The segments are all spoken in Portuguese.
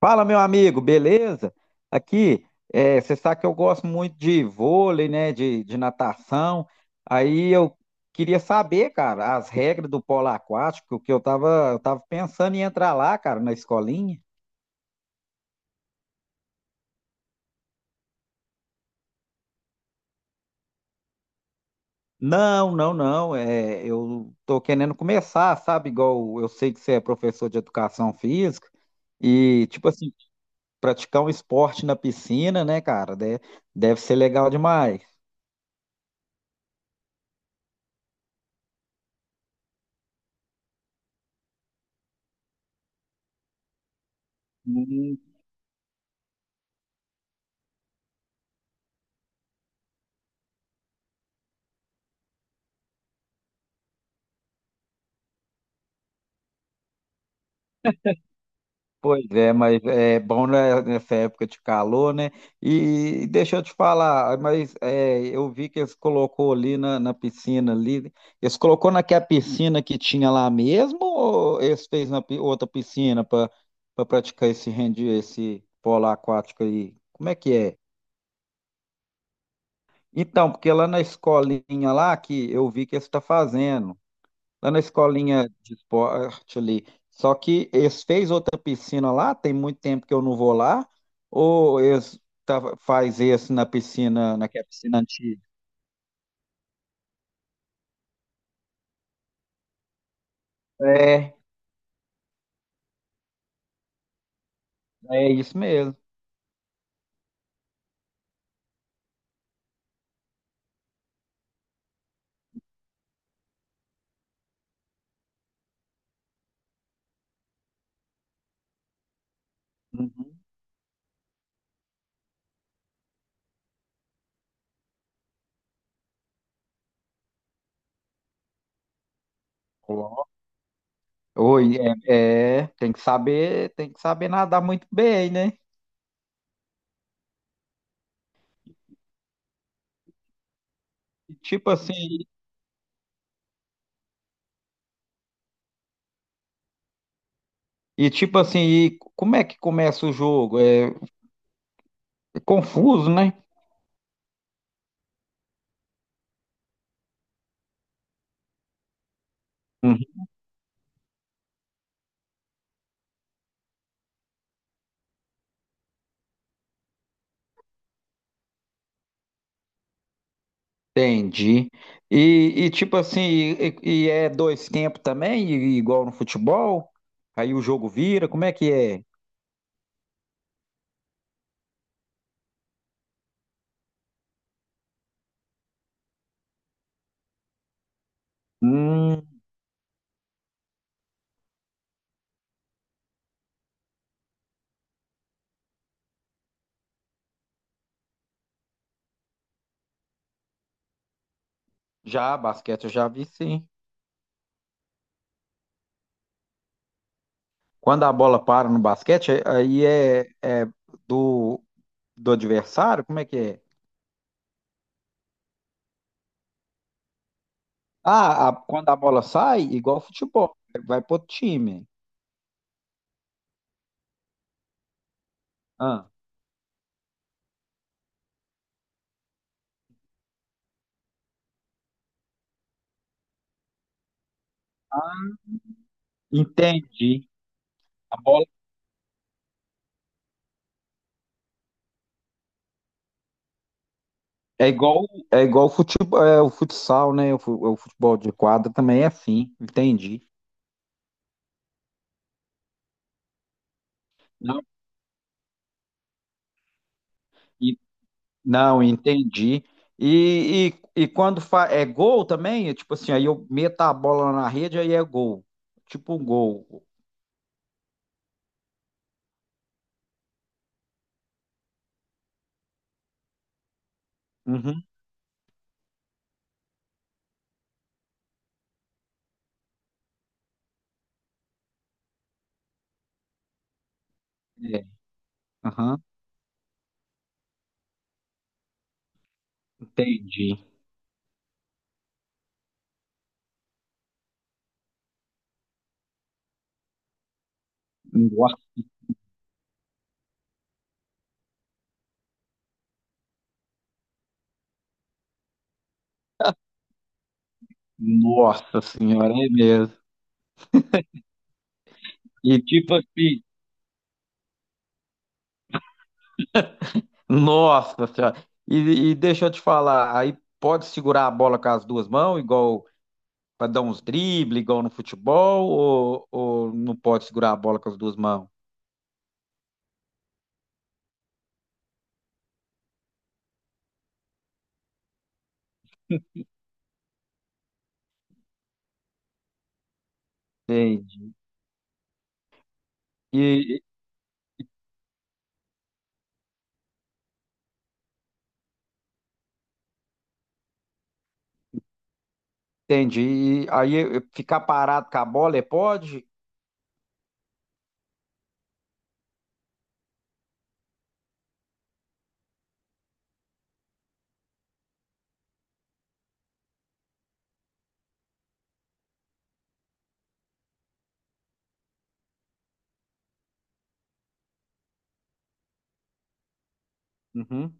Fala, meu amigo, beleza? Aqui, você sabe que eu gosto muito de vôlei, né? De natação. Aí eu queria saber, cara, as regras do polo aquático, que eu tava pensando em entrar lá, cara, na escolinha. Não, não, não. Eu tô querendo começar, sabe? Igual eu sei que você é professor de educação física e, tipo assim, praticar um esporte na piscina, né, cara? Deve ser legal demais. Pois é, mas é bom né, nessa época de calor, né? E deixa eu te falar, eu vi que eles colocou ali na piscina ali, eles colocou naquela piscina que tinha lá mesmo ou eles fez na pi- outra piscina para praticar esse rendi, esse polo aquático aí? Como é que é? Então, porque lá na escolinha lá que eu vi que eles está fazendo lá na escolinha de esporte ali. Só que eles fez outra piscina lá, tem muito tempo que eu não vou lá, ou eles tava, faz esse na piscina, naquela piscina antiga? É, é isso mesmo. Uhum. Ó. Oi, é, tem que saber nadar muito bem, né? E tipo assim, e tipo assim, e como é que começa o jogo? É confuso, né? Entendi. Tipo assim, e é dois tempos também, i- igual no futebol? Aí o jogo vira, como é que é? Hum, já, basquete eu já vi sim. Quando a bola para no basquete, é do, do adversário, como é que é? Ah, a- quando a bola sai, igual futebol, vai pro outro time. Ah, entendi. A bola é igual, é igual futebol, é, o futsal, né? O, fu- o futebol de quadra também é assim, entendi. Não, Não, entendi. E quando fa é gol também, é tipo assim, aí eu meto a bola na rede, aí é gol. Tipo um gol. Uhum. É, aham, entendi. Nossa, nossa senhora, é mesmo. E tipo assim, nossa senhora. E deixa eu te falar, aí pode segurar a bola com as duas mãos, igual para dar uns dribles, igual no futebol, ou não pode segurar a bola com as duas mãos? Entendi. Entendi. E aí eu ficar parado com a bola, é pode? Uhum.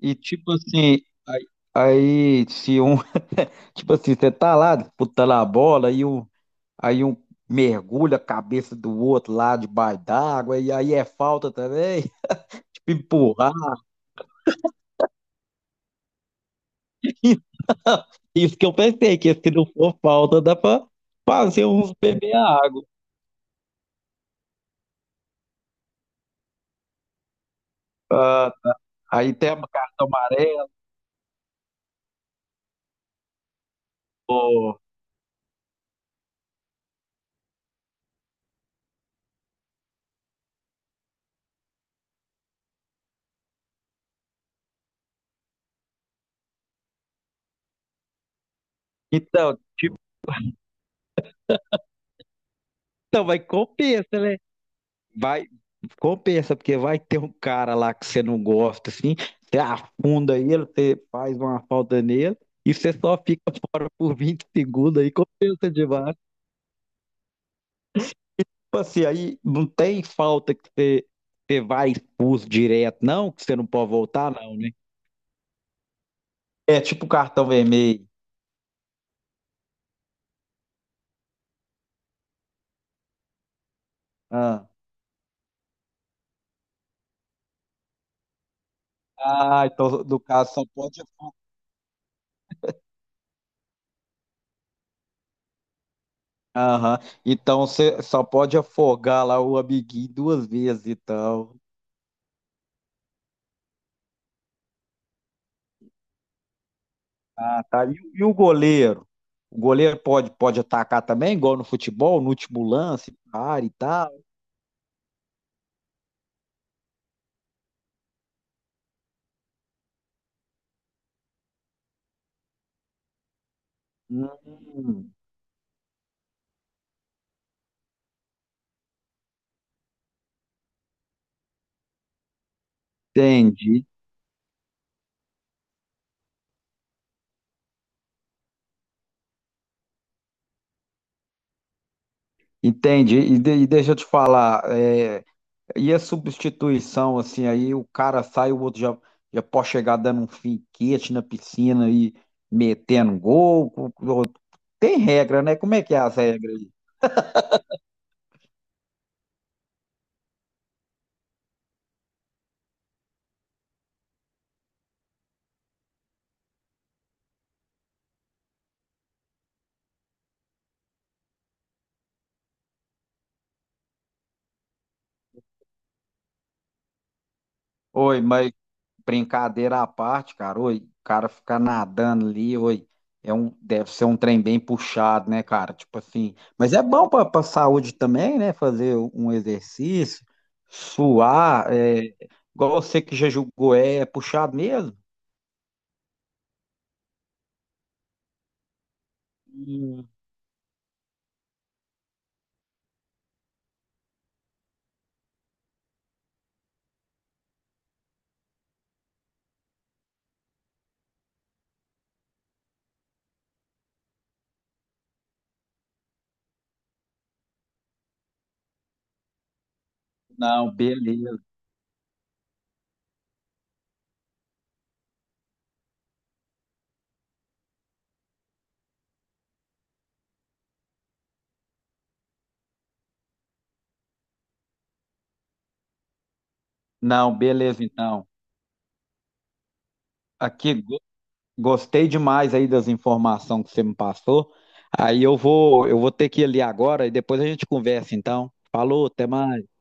E tipo assim, aí, aí se um, tipo assim, você tá lá disputando a bola e um, aí um mergulha a cabeça do outro lá debaixo d'água e aí é falta também? Tipo, empurrar. Então, isso que eu pensei, que se não for falta, dá pra fazer uns beber água. Ah, aí tem uma carta amarela. Pô. Então, então, mas compensa, né? Vai, compensa, porque vai ter um cara lá que você não gosta, assim, você afunda ele, você faz uma falta nele, e você só fica fora por 20 segundos aí, compensa demais. Tipo assim, aí não tem falta que você, você vai expulso direto, não, que você não pode voltar, não, né? É tipo cartão vermelho. Ah, Ah, então no caso só pode. Aham. Então você só pode afogar lá o amiguinho duas vezes, então. Ah, tá. E o goleiro? O goleiro pode, pode atacar também, igual no futebol, no último lance, para e tal. Hum, entendi, entendi. E, de- e deixa eu te falar, é, e a substituição, assim, aí o cara sai, já pode chegar dando um finquete na piscina e metendo gol. Co- co- Tem regra, né? Como é que é as regras aí? Oi, mas brincadeira à parte, cara, oi, o cara ficar nadando ali, oi, é um, deve ser um trem bem puxado, né, cara? Tipo assim, mas é bom pra saúde também, né? Fazer um exercício, suar, é, igual você que já julgou, é, é puxado mesmo? Hum, Não, beleza. Não, beleza, então. Aqui, go- gostei demais aí das informações que você me passou. Eu vou ter que ir ali agora e depois a gente conversa, então. Falou, até mais.